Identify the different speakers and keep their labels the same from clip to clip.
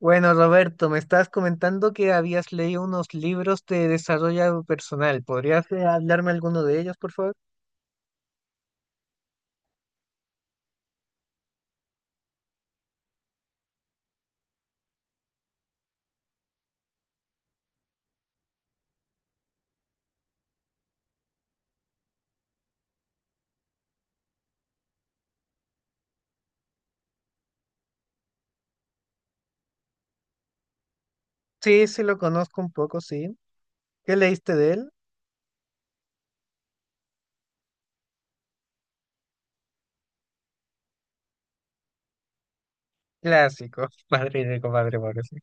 Speaker 1: Bueno, Roberto, me estabas comentando que habías leído unos libros de desarrollo personal. ¿Podrías hablarme alguno de ellos, por favor? Sí, sí, lo conozco un poco, sí. ¿Qué leíste de él? Clásico, padre rico, padre pobre, sí.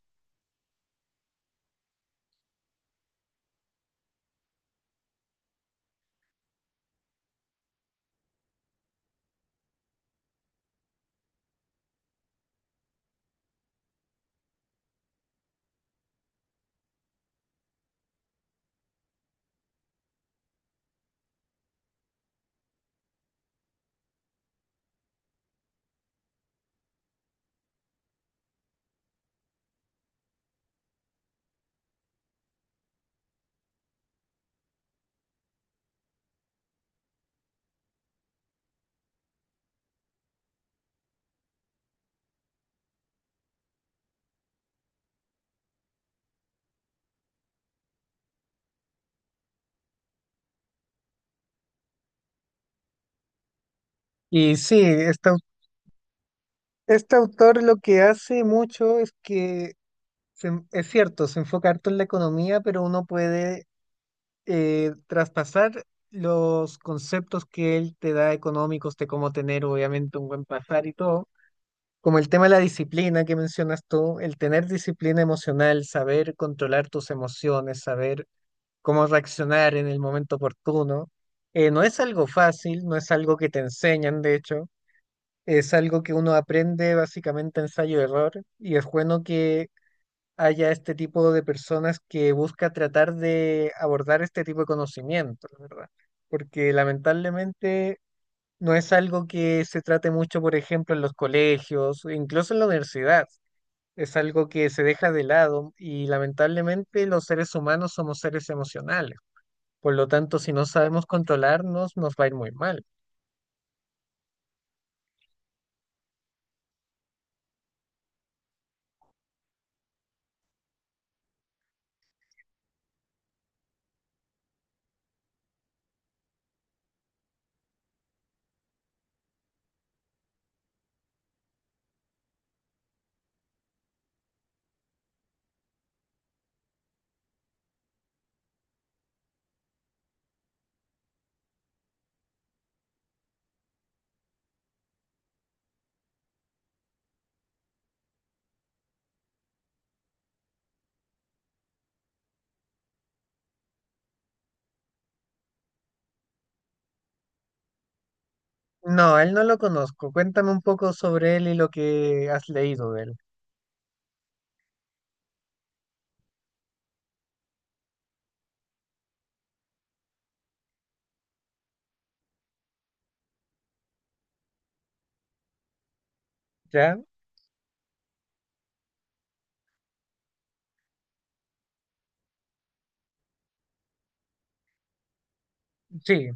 Speaker 1: Y sí, este, este autor lo que hace mucho es que, es cierto, se enfoca harto en la economía, pero uno puede traspasar los conceptos que él te da económicos de cómo tener, obviamente, un buen pasar y todo. Como el tema de la disciplina que mencionas tú, el tener disciplina emocional, saber controlar tus emociones, saber cómo reaccionar en el momento oportuno, no es algo fácil, no es algo que te enseñan, de hecho, es algo que uno aprende básicamente ensayo-error y es bueno que haya este tipo de personas que busca tratar de abordar este tipo de conocimiento, la verdad, porque lamentablemente no es algo que se trate mucho, por ejemplo, en los colegios, incluso en la universidad. Es algo que se deja de lado y lamentablemente los seres humanos somos seres emocionales. Por lo tanto, si no sabemos controlarnos, nos va a ir muy mal. No, a él no lo conozco. Cuéntame un poco sobre él y lo que has leído de él. ¿Ya? Sí.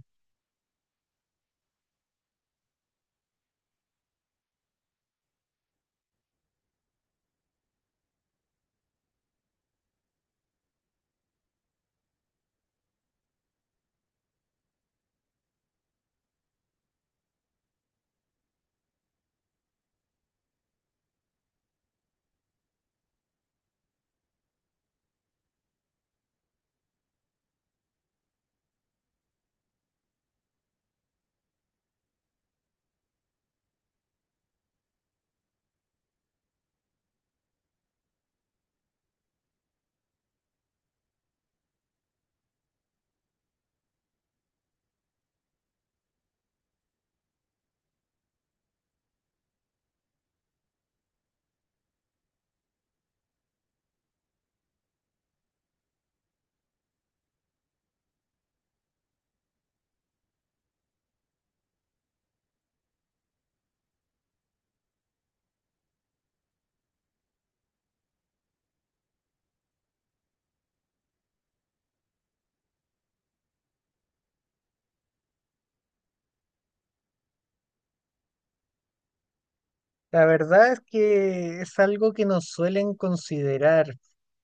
Speaker 1: La verdad es que es algo que nos suelen considerar,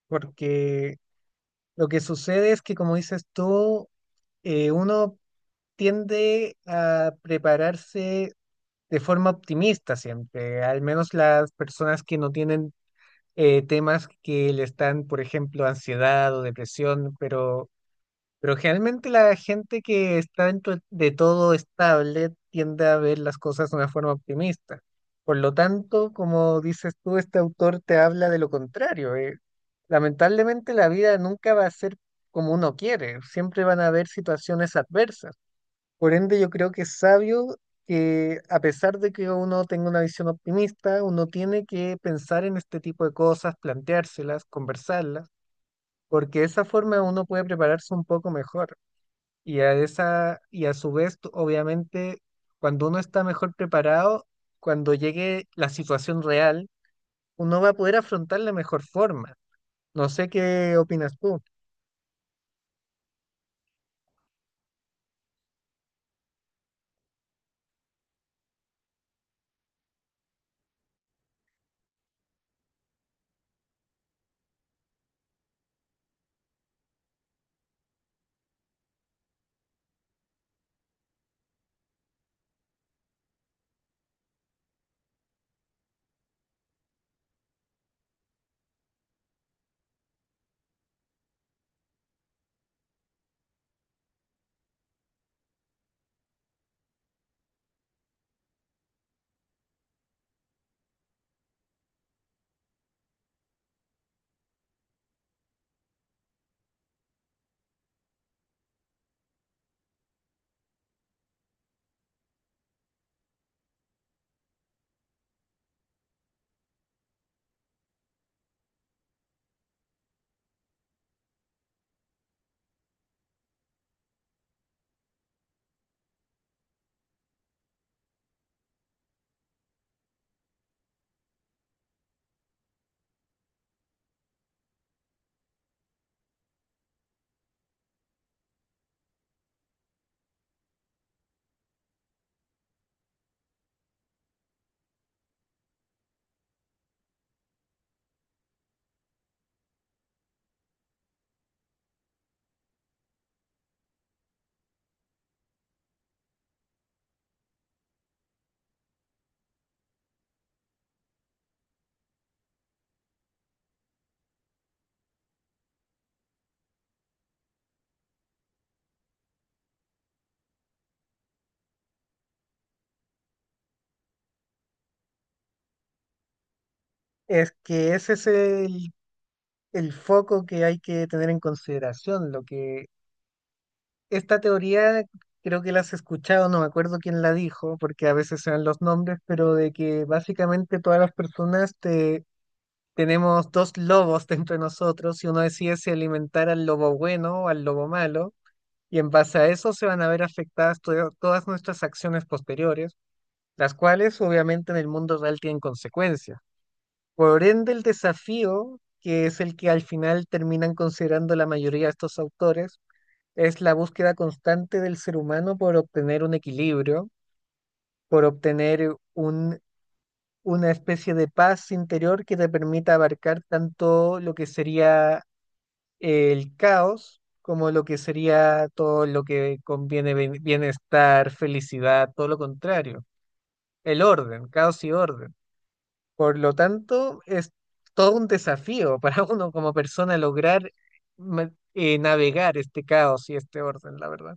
Speaker 1: porque lo que sucede es que, como dices tú, uno tiende a prepararse de forma optimista siempre, al menos las personas que no tienen temas que le están, por ejemplo, ansiedad o depresión, pero generalmente la gente que está dentro de todo estable tiende a ver las cosas de una forma optimista. Por lo tanto, como dices tú, este autor te habla de lo contrario. Lamentablemente la vida nunca va a ser como uno quiere, siempre van a haber situaciones adversas. Por ende, yo creo que es sabio que a pesar de que uno tenga una visión optimista, uno tiene que pensar en este tipo de cosas, planteárselas, conversarlas, porque de esa forma uno puede prepararse un poco mejor. Y a esa, y a su vez, obviamente, cuando uno está mejor preparado, cuando llegue la situación real, uno va a poder afrontar de mejor forma. No sé qué opinas tú. Es que ese es el foco que hay que tener en consideración, lo que. Esta teoría creo que la has escuchado, no me acuerdo quién la dijo, porque a veces se dan los nombres, pero de que básicamente todas las tenemos dos lobos dentro de nosotros y uno decide si alimentar al lobo bueno o al lobo malo, y en base a eso se van a ver afectadas todas nuestras acciones posteriores, las cuales obviamente en el mundo real tienen consecuencias. Por ende, el desafío, que es el que al final terminan considerando la mayoría de estos autores, es la búsqueda constante del ser humano por obtener un equilibrio, por obtener un, una especie de paz interior que te permita abarcar tanto lo que sería el caos como lo que sería todo lo que conviene bienestar, felicidad, todo lo contrario, el orden, caos y orden. Por lo tanto, es todo un desafío para uno como persona lograr navegar este caos y este orden, la verdad.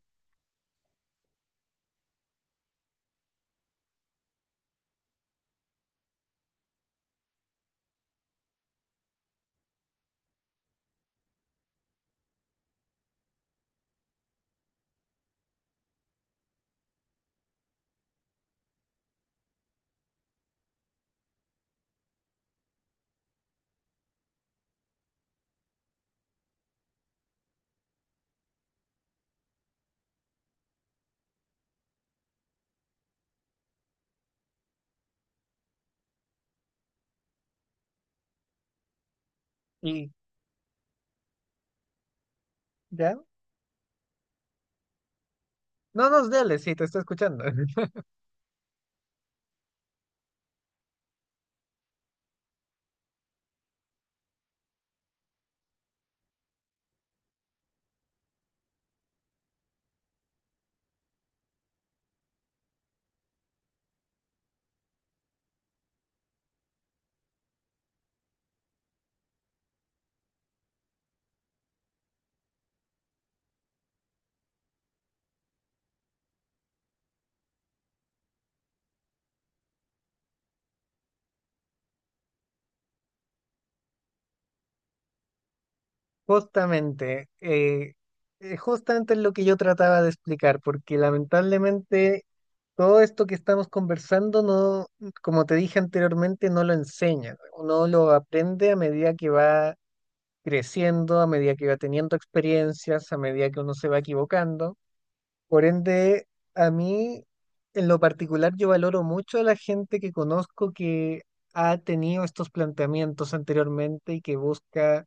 Speaker 1: Y, ¿ya? No nos dales, sí, te estoy escuchando. Justamente, justamente es lo que yo trataba de explicar, porque lamentablemente todo esto que estamos conversando no, como te dije anteriormente, no lo enseñan. Uno lo aprende a medida que va creciendo, a medida que va teniendo experiencias, a medida que uno se va equivocando. Por ende, a mí, en lo particular, yo valoro mucho a la gente que conozco que ha tenido estos planteamientos anteriormente y que busca.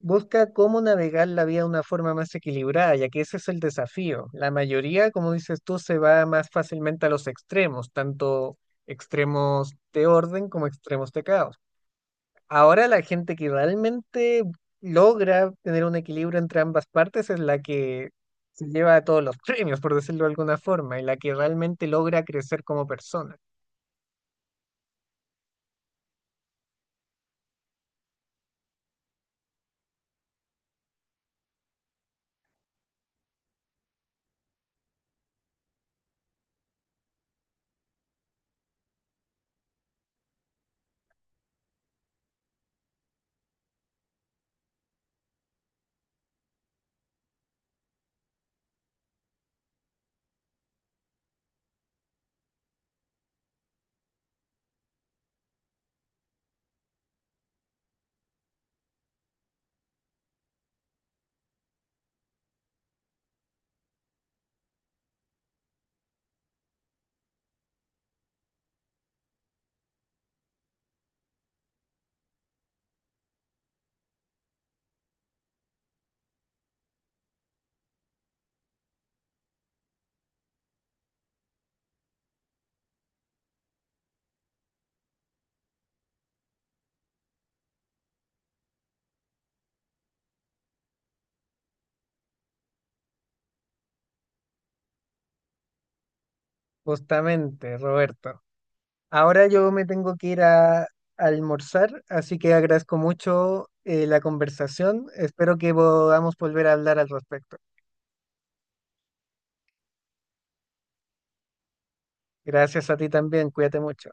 Speaker 1: Busca cómo navegar la vida de una forma más equilibrada, ya que ese es el desafío. La mayoría, como dices tú, se va más fácilmente a los extremos, tanto extremos de orden como extremos de caos. Ahora la gente que realmente logra tener un equilibrio entre ambas partes es la que se lleva todos los premios, por decirlo de alguna forma, y la que realmente logra crecer como persona. Justamente, Roberto. Ahora yo me tengo que ir a almorzar, así que agradezco mucho la conversación. Espero que podamos volver a hablar al respecto. Gracias a ti también, cuídate mucho.